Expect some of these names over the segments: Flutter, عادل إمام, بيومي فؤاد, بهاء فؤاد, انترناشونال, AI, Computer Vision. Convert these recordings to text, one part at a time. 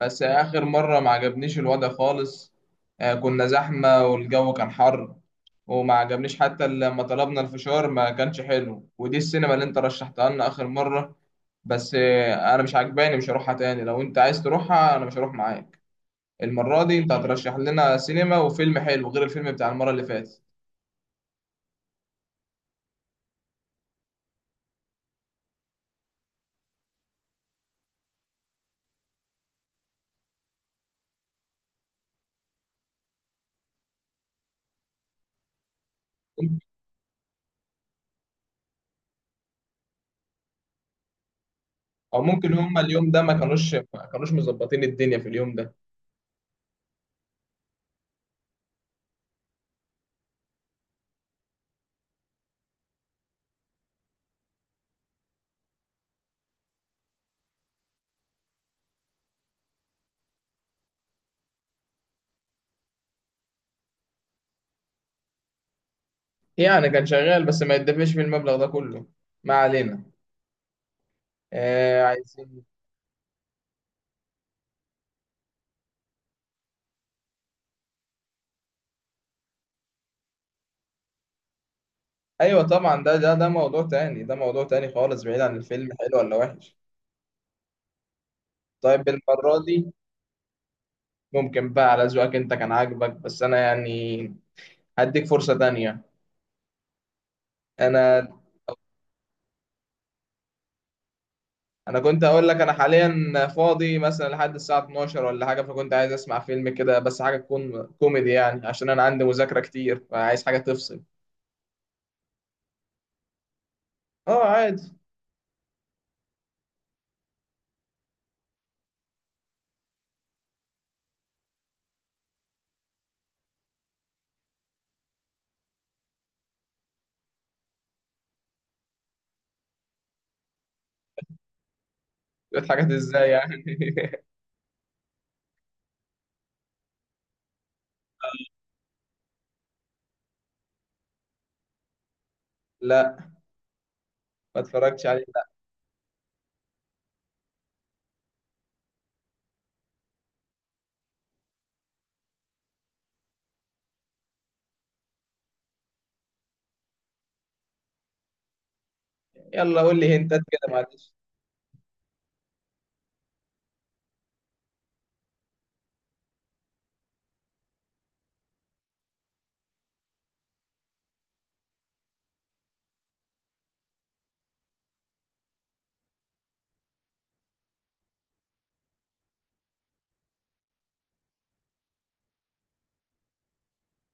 بس آخر مرة ما عجبنيش الوضع خالص. كنا زحمة والجو كان حر. وما عجبنيش حتى لما طلبنا الفشار، ما كانش حلو، ودي السينما اللي انت رشحتها لنا آخر مرة. بس أنا مش عجباني، مش هروحها تاني. لو انت عايز تروحها أنا مش هروح معاك. المرة دي انت هترشح لنا سينما وفيلم حلو غير الفيلم بتاع المرة اللي فاتت. أو ممكن هما اليوم ده ما كانوش مظبطين الدنيا في اليوم ده. يعني كان شغال بس ما يدفعش في المبلغ ده كله. ما علينا. آه، عايزين. ايوه طبعا، ده موضوع تاني، ده موضوع تاني خالص بعيد عن الفيلم حلو ولا وحش. طيب، المرة دي ممكن بقى على ذوقك انت كان عاجبك، بس انا يعني هديك فرصة تانية. انا انا كنت اقول لك، انا حاليا فاضي مثلا لحد الساعة 12 ولا حاجة، فكنت عايز اسمع فيلم كده، بس حاجة تكون كوميدي، يعني عشان انا عندي مذاكرة كتير فعايز حاجة تفصل. اه، عادي. شوية حاجات ازاي يعني؟ لا، ما اتفرجتش عليه. يلا قول لي هنتات كده، معلش.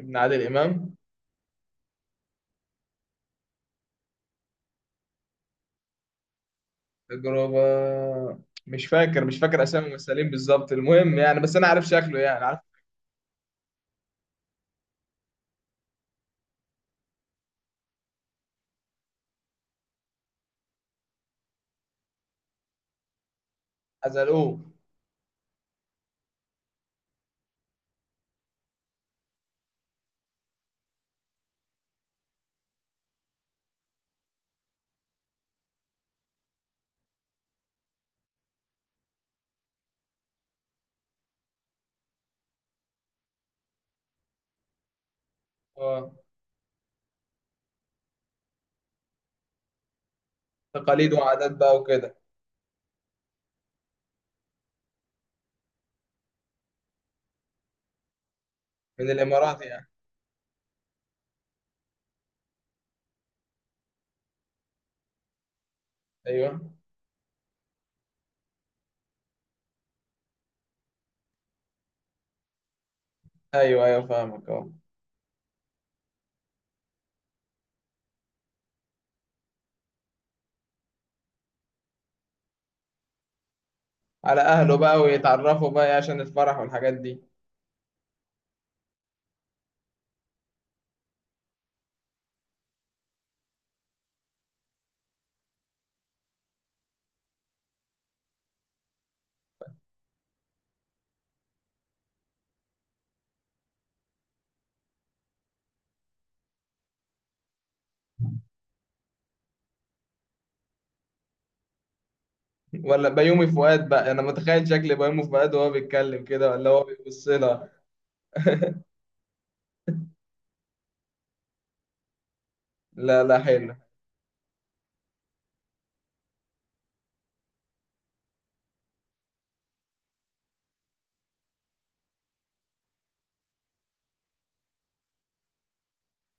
ابن عادل امام. تجربة، مش فاكر مش فاكر أسامي الممثلين بالظبط، المهم يعني، بس أنا عارف شكله، يعني عارف. حزلقوه. اه، تقاليد وعادات بقى وكده. من الإمارات يعني؟ أيوه أيوه أيوه، فاهمك، أه. على أهله بقى ويتعرفوا بقى إيه عشان الفرح والحاجات دي. ولا بيومي فؤاد بقى، أنا متخيل شكل بيومي فؤاد وهو بيتكلم كده، ولا هو بيبص لها. لا لا، حلو.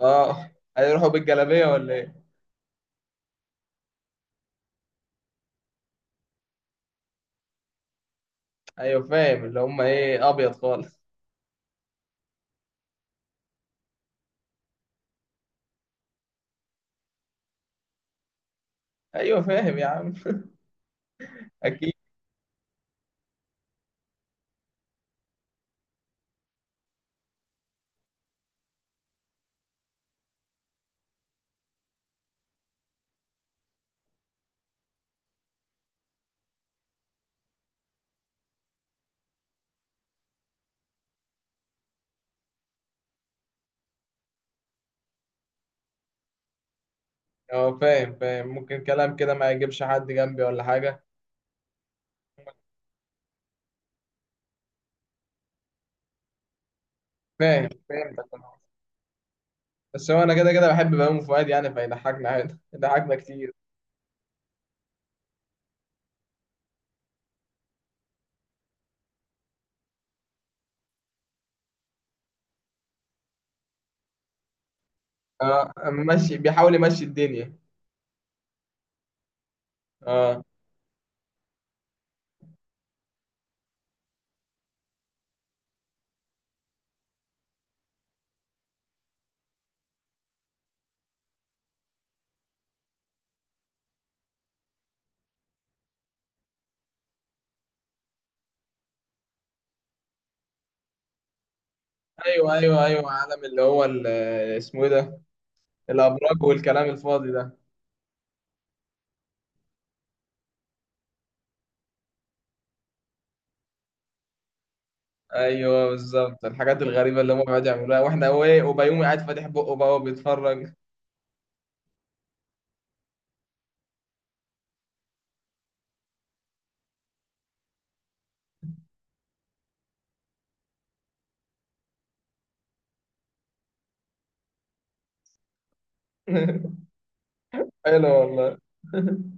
أه، هيروحوا بالجلابية ولا إيه؟ أيوه، فاهم اللي هم إيه، أبيض خالص. أيوه، فاهم يا عم. أكيد. اه، فاهم فاهم، ممكن كلام كده ما يجيبش حد جنبي ولا حاجة. فاهم، فهمتك. بس هو انا كده كده بحب بهاء فؤاد، يعني فيضحكنا عادي. ضحكنا كتير. اه ماشي، بيحاول يمشي الدنيا. اه. ايوه ايوه ايوه، عالم اللي هو اسمه ايه ده؟ الابراج والكلام الفاضي ده. ايوه بالظبط، الحاجات الغريبه اللي هم بيقعدوا يعملوها، واحنا هو ايه، وبيومي قاعد فاتح بقه بقى وبيتفرج. حلو والله.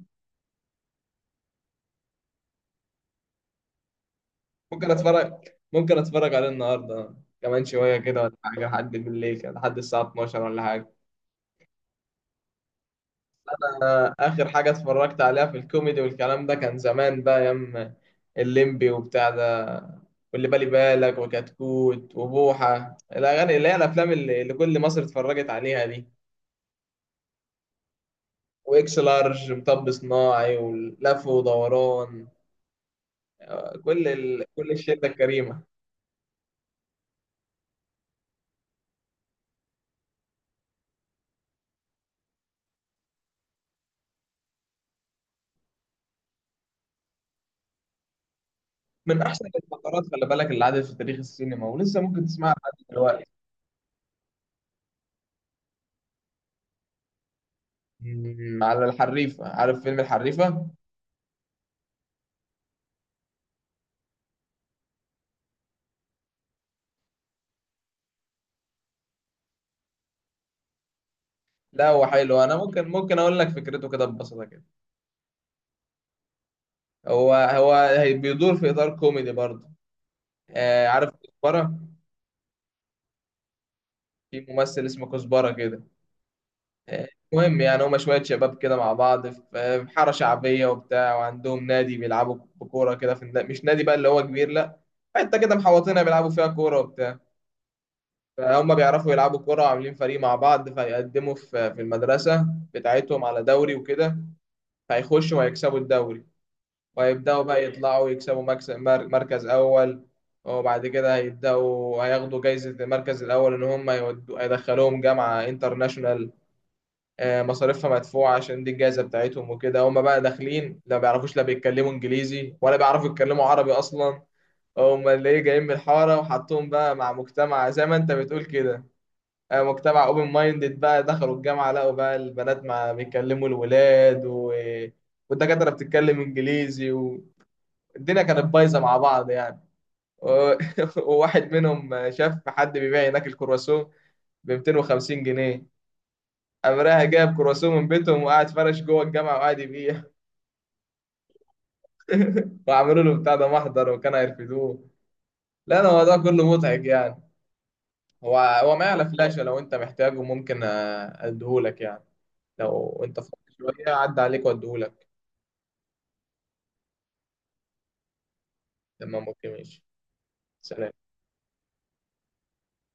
ممكن اتفرج، ممكن اتفرج عليه النهارده كمان شويه كده ولا حاجه، لحد بالليل كده، لحد الساعه 12 ولا حاجه. انا اخر حاجه اتفرجت عليها في الكوميدي والكلام ده كان زمان، بقى ايام الليمبي وبتاع ده، واللي بالي بالك، وكتكوت، وبوحه الاغاني، اللي هي الافلام اللي كل مصر اتفرجت عليها دي، واكس لارج، مطب صناعي، ولف ودوران. كل الشده الكريمه. من احسن الفترات خلي بالك اللي عدت في تاريخ السينما، ولسه ممكن تسمعها لحد دلوقتي. مم، على الحريفة. عارف فيلم الحريفة؟ لا هو حلو. أنا ممكن ممكن أقول لك فكرته كده ببساطة كده. هو بيدور في إطار كوميدي برضه. آه، عارف كزبرة؟ في ممثل اسمه كزبرة كده. المهم يعني هما شوية شباب كده مع بعض في حارة شعبية وبتاع، وعندهم نادي بيلعبوا بكورة كده في مش نادي بقى اللي هو كبير، لا، حتة كده محوطينها بيلعبوا فيها كورة وبتاع. فهم بيعرفوا يلعبوا كورة وعاملين فريق مع بعض، فيقدموا في المدرسة بتاعتهم على دوري وكده. هيخشوا وهيكسبوا الدوري، وهيبدأوا بقى يطلعوا يكسبوا مكسب مركز أول. وبعد كده هيبدأوا هياخدوا جايزة المركز الأول، إن هم يودوا هيدخلوهم جامعة انترناشونال، مصاريفها مدفوعة عشان دي الجائزة بتاعتهم. وكده هم بقى داخلين، لا بيعرفوش، لا بيتكلموا إنجليزي ولا بيعرفوا يتكلموا عربي أصلا، هم اللي إيه جايين من الحارة، وحطوهم بقى مع مجتمع زي ما أنت بتقول كده، مجتمع اوبن مايندد بقى. دخلوا الجامعة لقوا بقى البنات مع بيتكلموا الولاد، و... والدكاترة بتتكلم إنجليزي، و... الدنيا كانت بايظه مع بعض يعني. و- وواحد منهم شاف حد بيبيع هناك الكرواسون ب 250 جنيه. قام رايح جايب كرواسون من بيتهم وقاعد فرش جوه الجامعه وقاعد يبيع. وعملوا له بتاع ده محضر وكان هيرفدوه. لا، انا الموضوع كله مضحك يعني. هو معايا على فلاشه، لو انت محتاجه ممكن اديهولك يعني. لو انت فاضي شويه عدى عليك واديهولك. لما ممكن ماشي. سلام.